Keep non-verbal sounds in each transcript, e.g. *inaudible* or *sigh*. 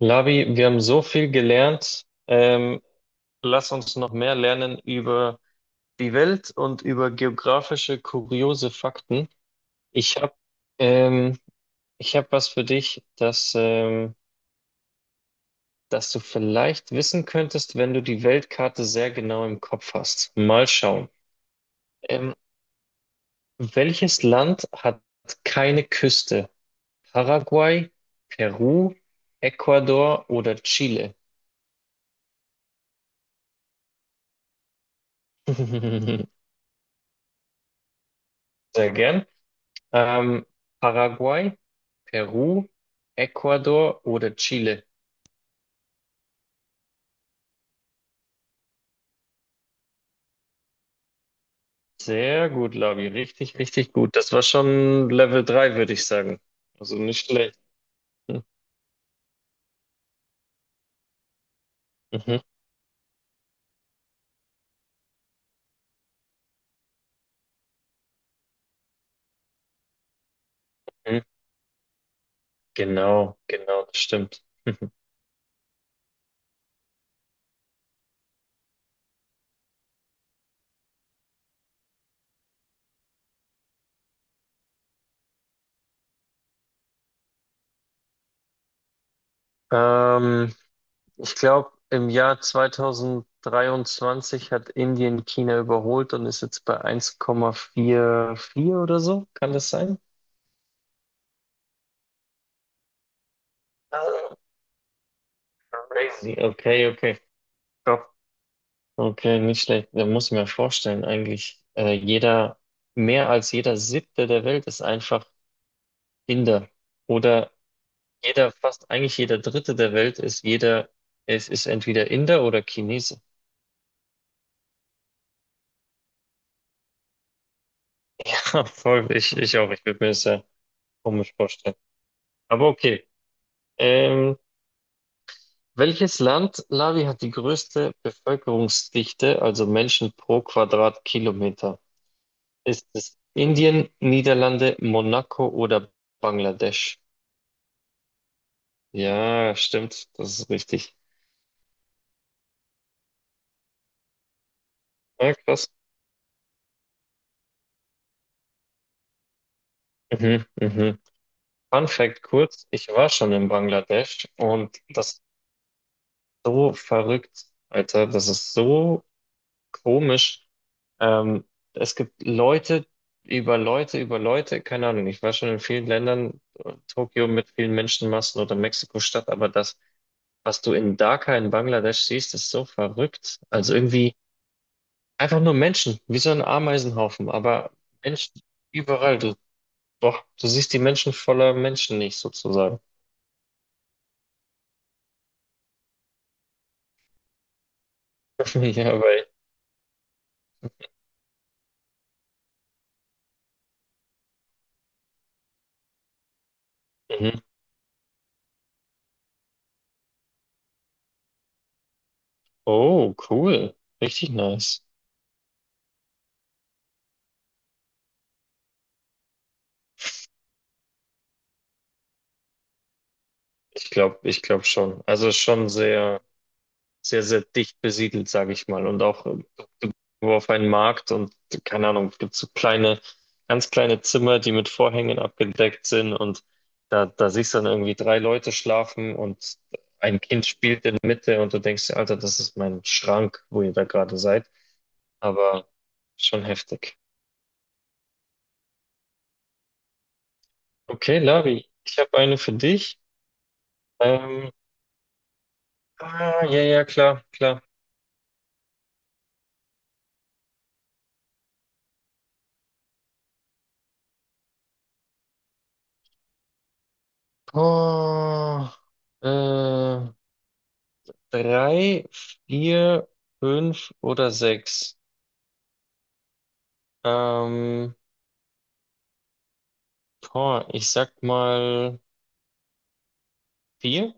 Lavi, wir haben so viel gelernt. Lass uns noch mehr lernen über die Welt und über geografische kuriose Fakten. Ich habe ähm, ich hab was für dich, das, das du vielleicht wissen könntest, wenn du die Weltkarte sehr genau im Kopf hast. Mal schauen. Ähm, welches Land hat keine Küste? Paraguay, Peru, Ecuador oder Chile? *laughs* Sehr gern. Ähm, Paraguay, Peru, Ecuador oder Chile? Sehr gut, Labi. Richtig, richtig gut. Das war schon Level 3, würde ich sagen. Also nicht schlecht. Hm. Mhm. Mhm. Genau, genau, das stimmt. *laughs* Ähm, ich glaube, im Jahr 2023 hat Indien China überholt und ist jetzt bei 1,44 oder so. Kann das sein? Ah, crazy. Okay, okay. Okay, nicht schlecht. Da muss ich mir vorstellen, eigentlich jeder, mehr als jeder Siebte der Welt ist einfach Inder. Oder jeder, fast eigentlich jeder Dritte der Welt ist jeder, es ist entweder Inder oder Chinese. *laughs* Voll, ich auch. Ich würde mir das ja komisch vorstellen. Aber okay. Ähm, welches Land, Lavi, hat die größte Bevölkerungsdichte, also Menschen pro Quadratkilometer? Ist es Indien, Niederlande, Monaco oder Bangladesch? Ja, stimmt. Das ist richtig. Ja, krass. Mhm, mhm. Fun Fact kurz, ich war schon in Bangladesch und das ist so verrückt, Alter. Das ist so komisch. Ähm, es gibt Leute über Leute über Leute, keine Ahnung. Ich war schon in vielen Ländern, Tokio mit vielen Menschenmassen oder Mexiko-Stadt, aber das, was du in Dhaka in Bangladesch siehst, ist so verrückt. Also irgendwie einfach nur Menschen, wie so ein Ameisenhaufen, aber Menschen überall. Du Doch, du siehst die Menschen voller Menschen nicht sozusagen. *laughs* Ja, weil. Mhm. Oh, cool. Richtig nice. Ich glaube schon. Also schon sehr, sehr, sehr dicht besiedelt, sage ich mal. Und auch du du auf einen Markt und keine Ahnung, es gibt so kleine, ganz kleine Zimmer, die mit Vorhängen abgedeckt sind und da, da siehst du dann irgendwie drei Leute schlafen und ein Kind spielt in der Mitte und du denkst, dir, Alter, das ist mein Schrank, wo ihr da gerade seid. Aber schon heftig. Okay, Lavi, ich habe eine für dich. Ähm, ah, ja, ja, klar, klar. Oh, äh, drei, vier, fünf oder sechs. Ähm, boah, ich sag mal vier.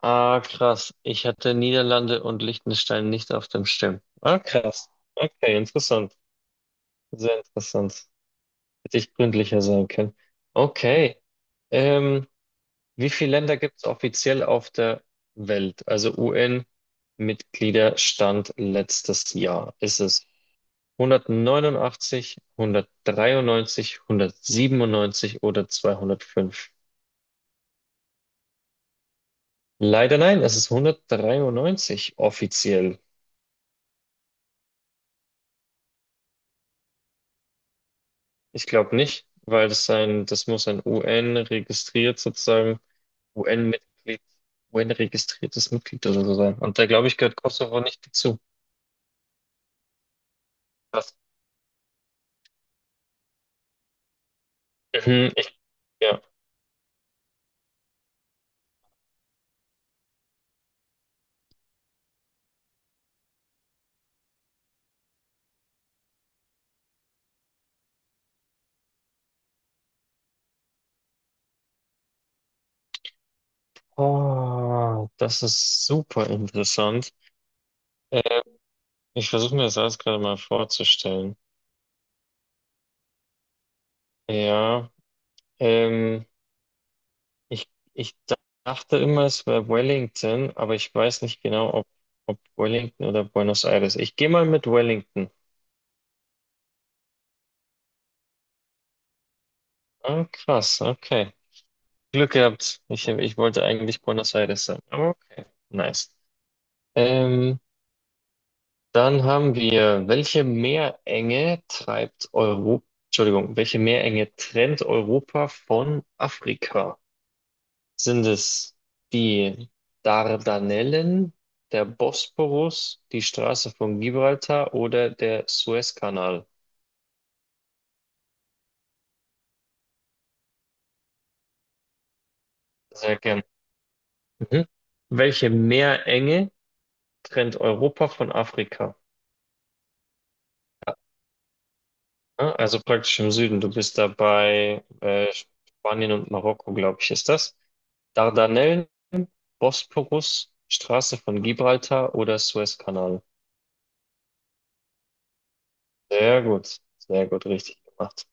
Ah, krass. Ich hatte Niederlande und Liechtenstein nicht auf dem Schirm. Ah, krass. Okay, interessant. Sehr interessant. Hätte ich gründlicher sein können. Okay. Ähm, wie viele Länder gibt es offiziell auf der Welt? Also UN-Mitgliederstand letztes Jahr. Ist es 189, 193, 197 oder 205? Leider nein, es ist 193 offiziell. Ich glaube nicht, weil das ein, das muss ein UN registriert sozusagen, UN-Mitglied, UN-registriertes Mitglied oder so sein. Und da glaube ich, gehört Kosovo nicht dazu. Was? Mhm, ich, ja. Oh, das ist super interessant. Äh, ich versuche mir das alles gerade mal vorzustellen. Ja, ähm, ich dachte immer, es wäre Wellington, aber ich weiß nicht genau, ob, ob Wellington oder Buenos Aires. Ich gehe mal mit Wellington. Ah, krass, okay. Glück gehabt. Ich wollte eigentlich Buenos Aires sagen. Aber okay, nice. Ähm, Dann haben wir, welche Meerenge treibt Europa, Entschuldigung, welche Meerenge trennt Europa von Afrika? Sind es die Dardanellen, der Bosporus, die Straße von Gibraltar oder der Suezkanal? Sehr gern. Mhm. Welche Meerenge trennt Europa von Afrika? Ja, also praktisch im Süden. Du bist dabei äh, Spanien und Marokko, glaube ich, ist das? Dardanellen, Bosporus, Straße von Gibraltar oder Suezkanal? Sehr gut, sehr gut, richtig gemacht.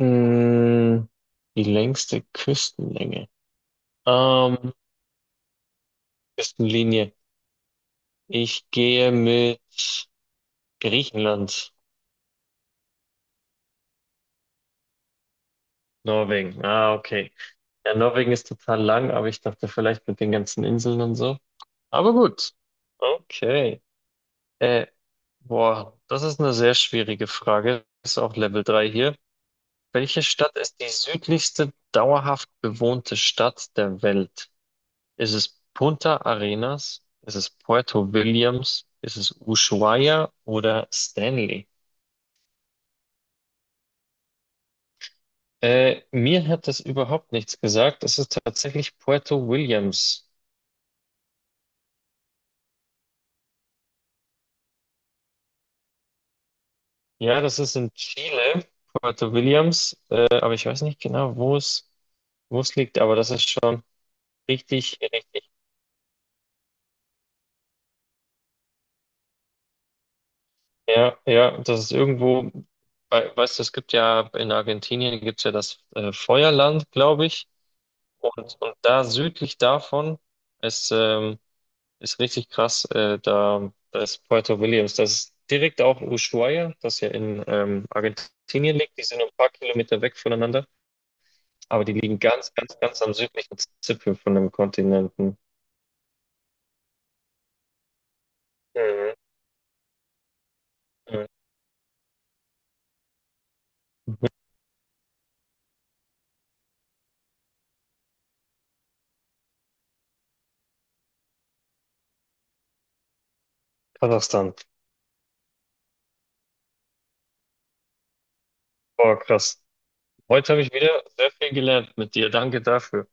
Mm, die längste Küstenlänge. Ähm, Küstenlinie. Ich gehe mit Griechenland, Norwegen. Ah, okay. Ja, Norwegen ist total lang, aber ich dachte vielleicht mit den ganzen Inseln und so. Aber gut. Okay. Äh, boah, das ist eine sehr schwierige Frage. Ist auch Level 3 hier. Welche Stadt ist die südlichste dauerhaft bewohnte Stadt der Welt? Ist es Punta Arenas? Ist es Puerto Williams? Ist es Ushuaia oder Stanley? Mir hat das überhaupt nichts gesagt. Es ist tatsächlich Puerto Williams. Ja, das ist in Chile, Puerto Williams. Aber ich weiß nicht genau, wo es liegt. Aber das ist schon richtig, richtig. Ja, ja, das ist irgendwo, bei- weißt du, es gibt ja in Argentinien gibt's ja das Feuerland, glaube ich. Und da südlich davon ist, ist richtig krass, da, da ist Puerto Williams. Das ist direkt auch Ushuaia, das ja in Argentinien liegt. Die sind nur ein paar Kilometer weg voneinander, aber die liegen ganz, ganz, ganz am südlichen Zipfel von dem Kontinenten. Mhm. Mhm. Kasachstan. Boah, krass. Heute habe ich wieder sehr viel gelernt mit dir. Danke dafür.